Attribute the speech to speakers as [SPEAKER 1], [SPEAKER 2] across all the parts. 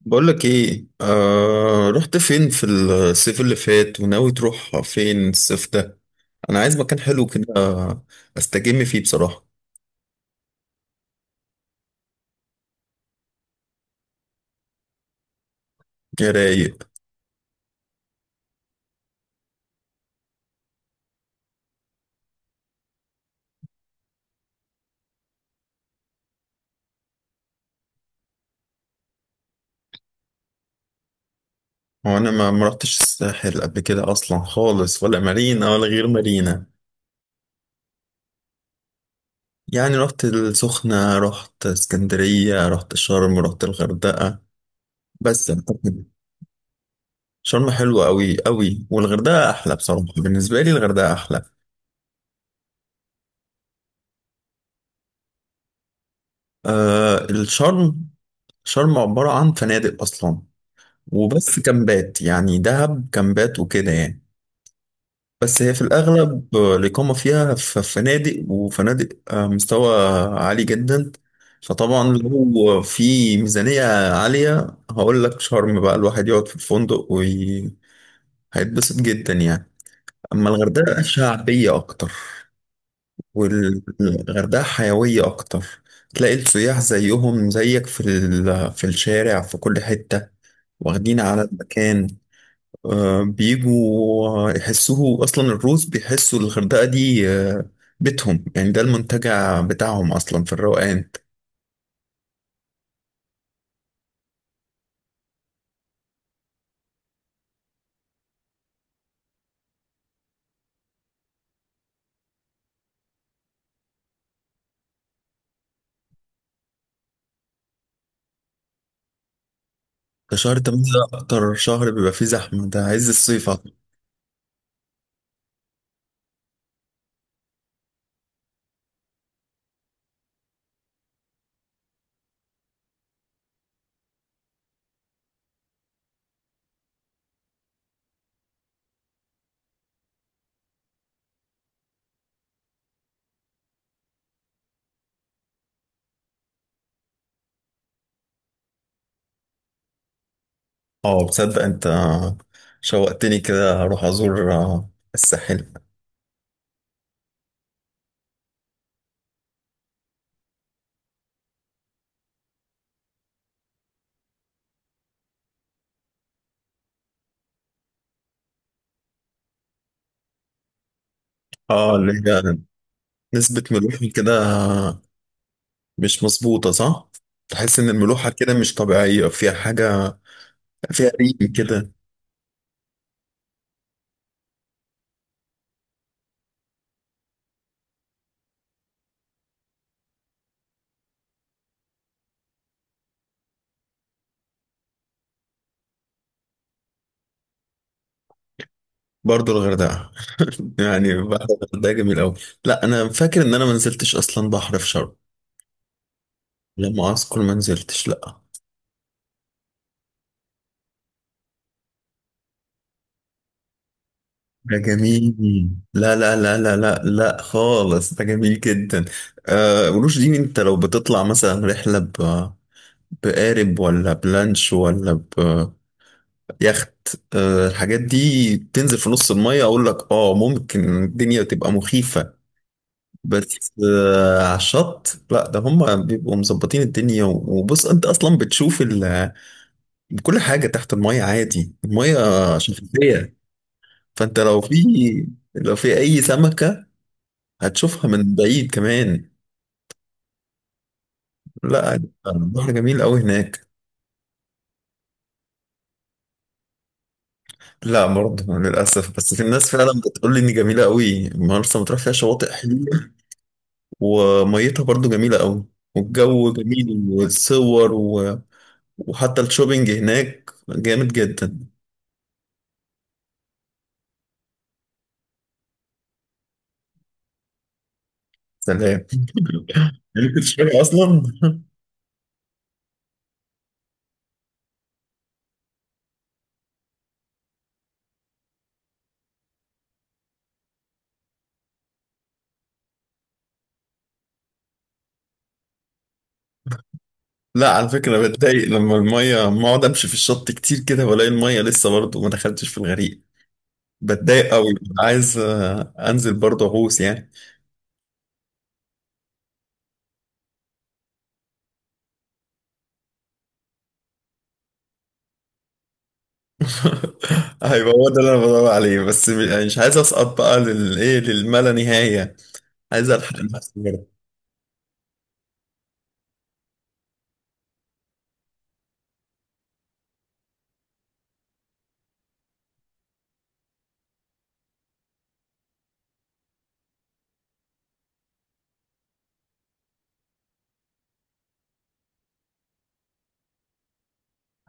[SPEAKER 1] بقولك ايه، آه، رحت فين في الصيف اللي فات وناوي تروح فين الصيف ده؟ انا عايز مكان حلو كده استجم فيه بصراحة. يا رايق. هو انا ما رحتش الساحل قبل كده اصلا خالص، ولا مارينا ولا غير مارينا. يعني رحت السخنة، رحت اسكندرية، رحت شرم، رحت الغردقة بس أعتقد شرم حلوة قوي والغردقة احلى. بصراحة بالنسبة لي الغردقة احلى. آه الشرم، شرم عبارة عن فنادق اصلا، وبس كامبات، يعني دهب كامبات وكده يعني. بس هي في الأغلب الإقامة فيها في فنادق وفنادق. مستوى عالي جدا. فطبعا لو في ميزانية عالية هقول لك شرم بقى الواحد يقعد في الفندق وهيتبسط جدا يعني. أما الغردقة شعبية أكتر، والغردقة حيوية أكتر. تلاقي السياح زيهم زيك في الشارع في كل حتة، واخدين على المكان. بيجوا يحسوه اصلا، الروس بيحسوا الغردقه دي بيتهم يعني، ده المنتجع بتاعهم اصلا في الروقان. ده شهر 8 ده اكتر شهر بيبقى فيه زحمه، ده عز الصيف أصلاً. اه، بتصدق انت؟ شوقتني كده اروح ازور الساحل. اه اللي هي نسبه ملوحه كده مش مظبوطه، صح؟ تحس ان الملوحه كده مش طبيعيه، فيها حاجه، فيها ريم كده. برضه الغردقة. يعني بحر الغردقة جميل أوي. لا، أنا فاكر إن أنا ما نزلتش أصلا بحر في شرم. لما أذكر ما نزلتش، لا. ده جميل، لا خالص، ده جميل جدا. آه قروش دي، أنت لو بتطلع مثلا رحلة ب بقارب ولا بلانش ولا بيخت، آه الحاجات دي تنزل في نص المية أقول لك، آه ممكن الدنيا تبقى مخيفة. بس على الشط لا، ده هم بيبقوا مظبطين الدنيا. وبص انت اصلا بتشوف ال... كل حاجه تحت الميه عادي، الميه شفافيه. فانت لو في لو في اي سمكه هتشوفها من بعيد كمان. لا البحر جميل قوي هناك. لا برضه للاسف، بس في الناس فعلا بتقول لي ان جميله قوي مرسى مطروح، فيها شواطئ حلوه وميتها برضه جميله قوي، والجو جميل والصور و... وحتى الشوبينج هناك جامد جدا. سلام. يعني كنت شايفها اصلا. لا على فكره بتضايق لما الميه، لما اقعد امشي في الشط كتير كده والاقي الميه لسه برضه ما دخلتش في الغريق، بتضايق قوي. عايز انزل برضه اغوص يعني. هيبقى هو ده اللي انا بدور عليه، بس يعني مش عايز اسقط بقى للايه، للما لا نهايه، عايز الحق نفسي كده.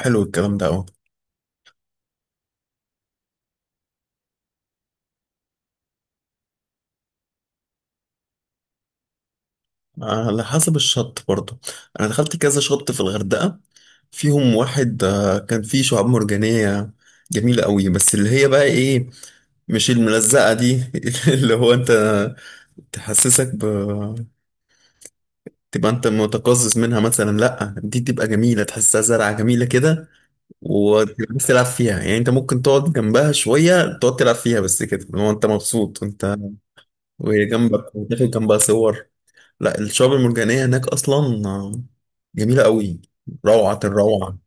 [SPEAKER 1] حلو الكلام ده قوي. على حسب الشط برضه. انا دخلت كذا شط في الغردقة، فيهم واحد كان فيه شعاب مرجانية جميلة قوي، بس اللي هي بقى ايه؟ مش الملزقة دي. اللي هو انت تحسسك ب تبقى انت متقزز منها، مثلا لا، دي تبقى جميلة، تحسها زرعة جميلة كده. وتبقى بس تلعب فيها، يعني انت ممكن تقعد جنبها شوية، تقعد تلعب فيها بس كده، اللي هو انت مبسوط، انت وهي جنبك، وتاخد جنبها صور. لا الشعاب المرجانية هناك أصلا جميلة قوي، روعة الروعة.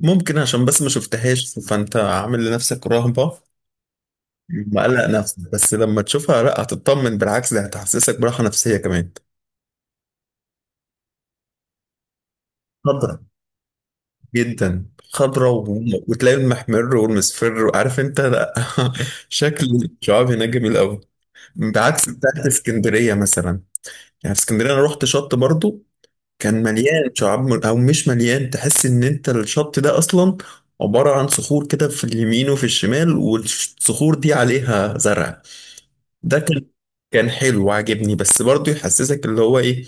[SPEAKER 1] ممكن عشان بس ما شفتهاش فأنت عامل لنفسك رهبة، مقلق نفسك، بس لما تشوفها لا هتطمن، بالعكس ده هتحسسك براحة نفسية كمان. خضرة جدا، خضرة و... وتلاقي المحمر والمصفر وعارف انت، لا. شكل الشعاب هناك جميل قوي، بعكس بتاعت اسكندرية مثلا. يعني في اسكندرية انا رحت شط برضو كان مليان شعاب او مش مليان، تحس ان انت الشط ده اصلا عبارة عن صخور كده في اليمين وفي الشمال، والصخور دي عليها زرع. ده كان كان حلو وعجبني، بس برضه يحسسك اللي هو ايه،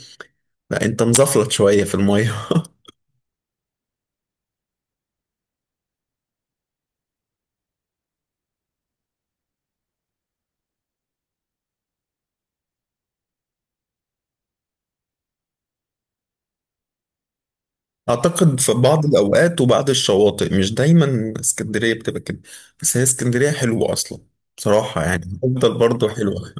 [SPEAKER 1] لا انت مزفلت شوية في المية. اعتقد في بعض الاوقات وبعض الشواطئ، مش دايما اسكندرية بتبقى كده. بس هي اسكندرية حلوة اصلا، بصراحة يعني افضل برضه حلوة.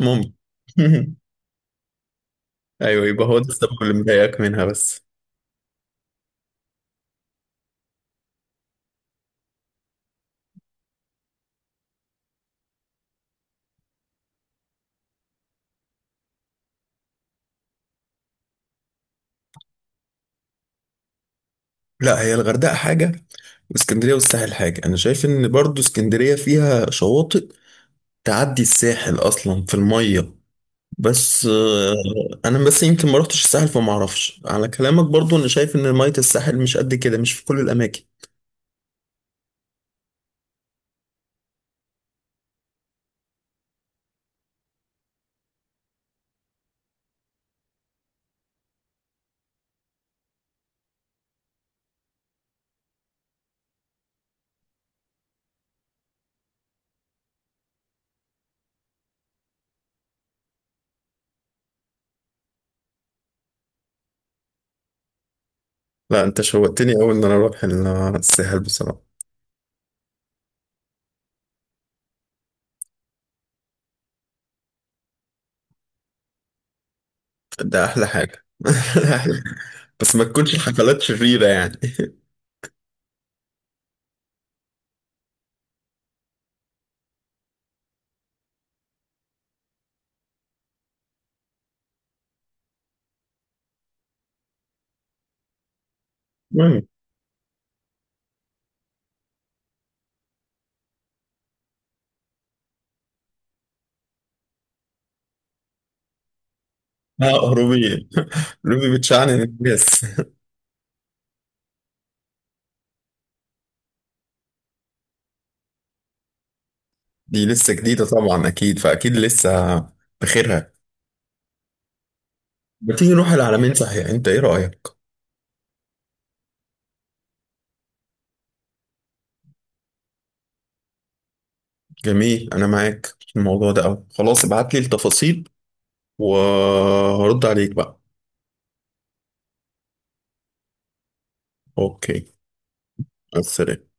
[SPEAKER 1] ممكن. ايوه، يبقى هو ده السبب اللي مضايقك منها بس. لا هي الغردقة حاجة، اسكندريه والساحل حاجه. انا شايف ان برضو اسكندريه فيها شواطئ تعدي الساحل اصلا في الميه، بس انا بس يمكن ما رحتش الساحل فما اعرفش، على كلامك برضو انا شايف ان ميه الساحل مش قد كده، مش في كل الاماكن. لا انت شوقتني اول ان انا اروح الساحل بصراحه. ده احلى حاجه. بس ما تكونش الحفلات شريره يعني. المهم، لا روبي، روبي بتشعنن الناس. دي لسه جديده طبعا، اكيد فاكيد لسه بخيرها. ما تيجي نروح العلمين صحيح، انت ايه رأيك؟ جميل، انا معاك في الموضوع ده قوي، خلاص ابعت لي التفاصيل وهرد عليك بقى. اوكي، مع السلامة.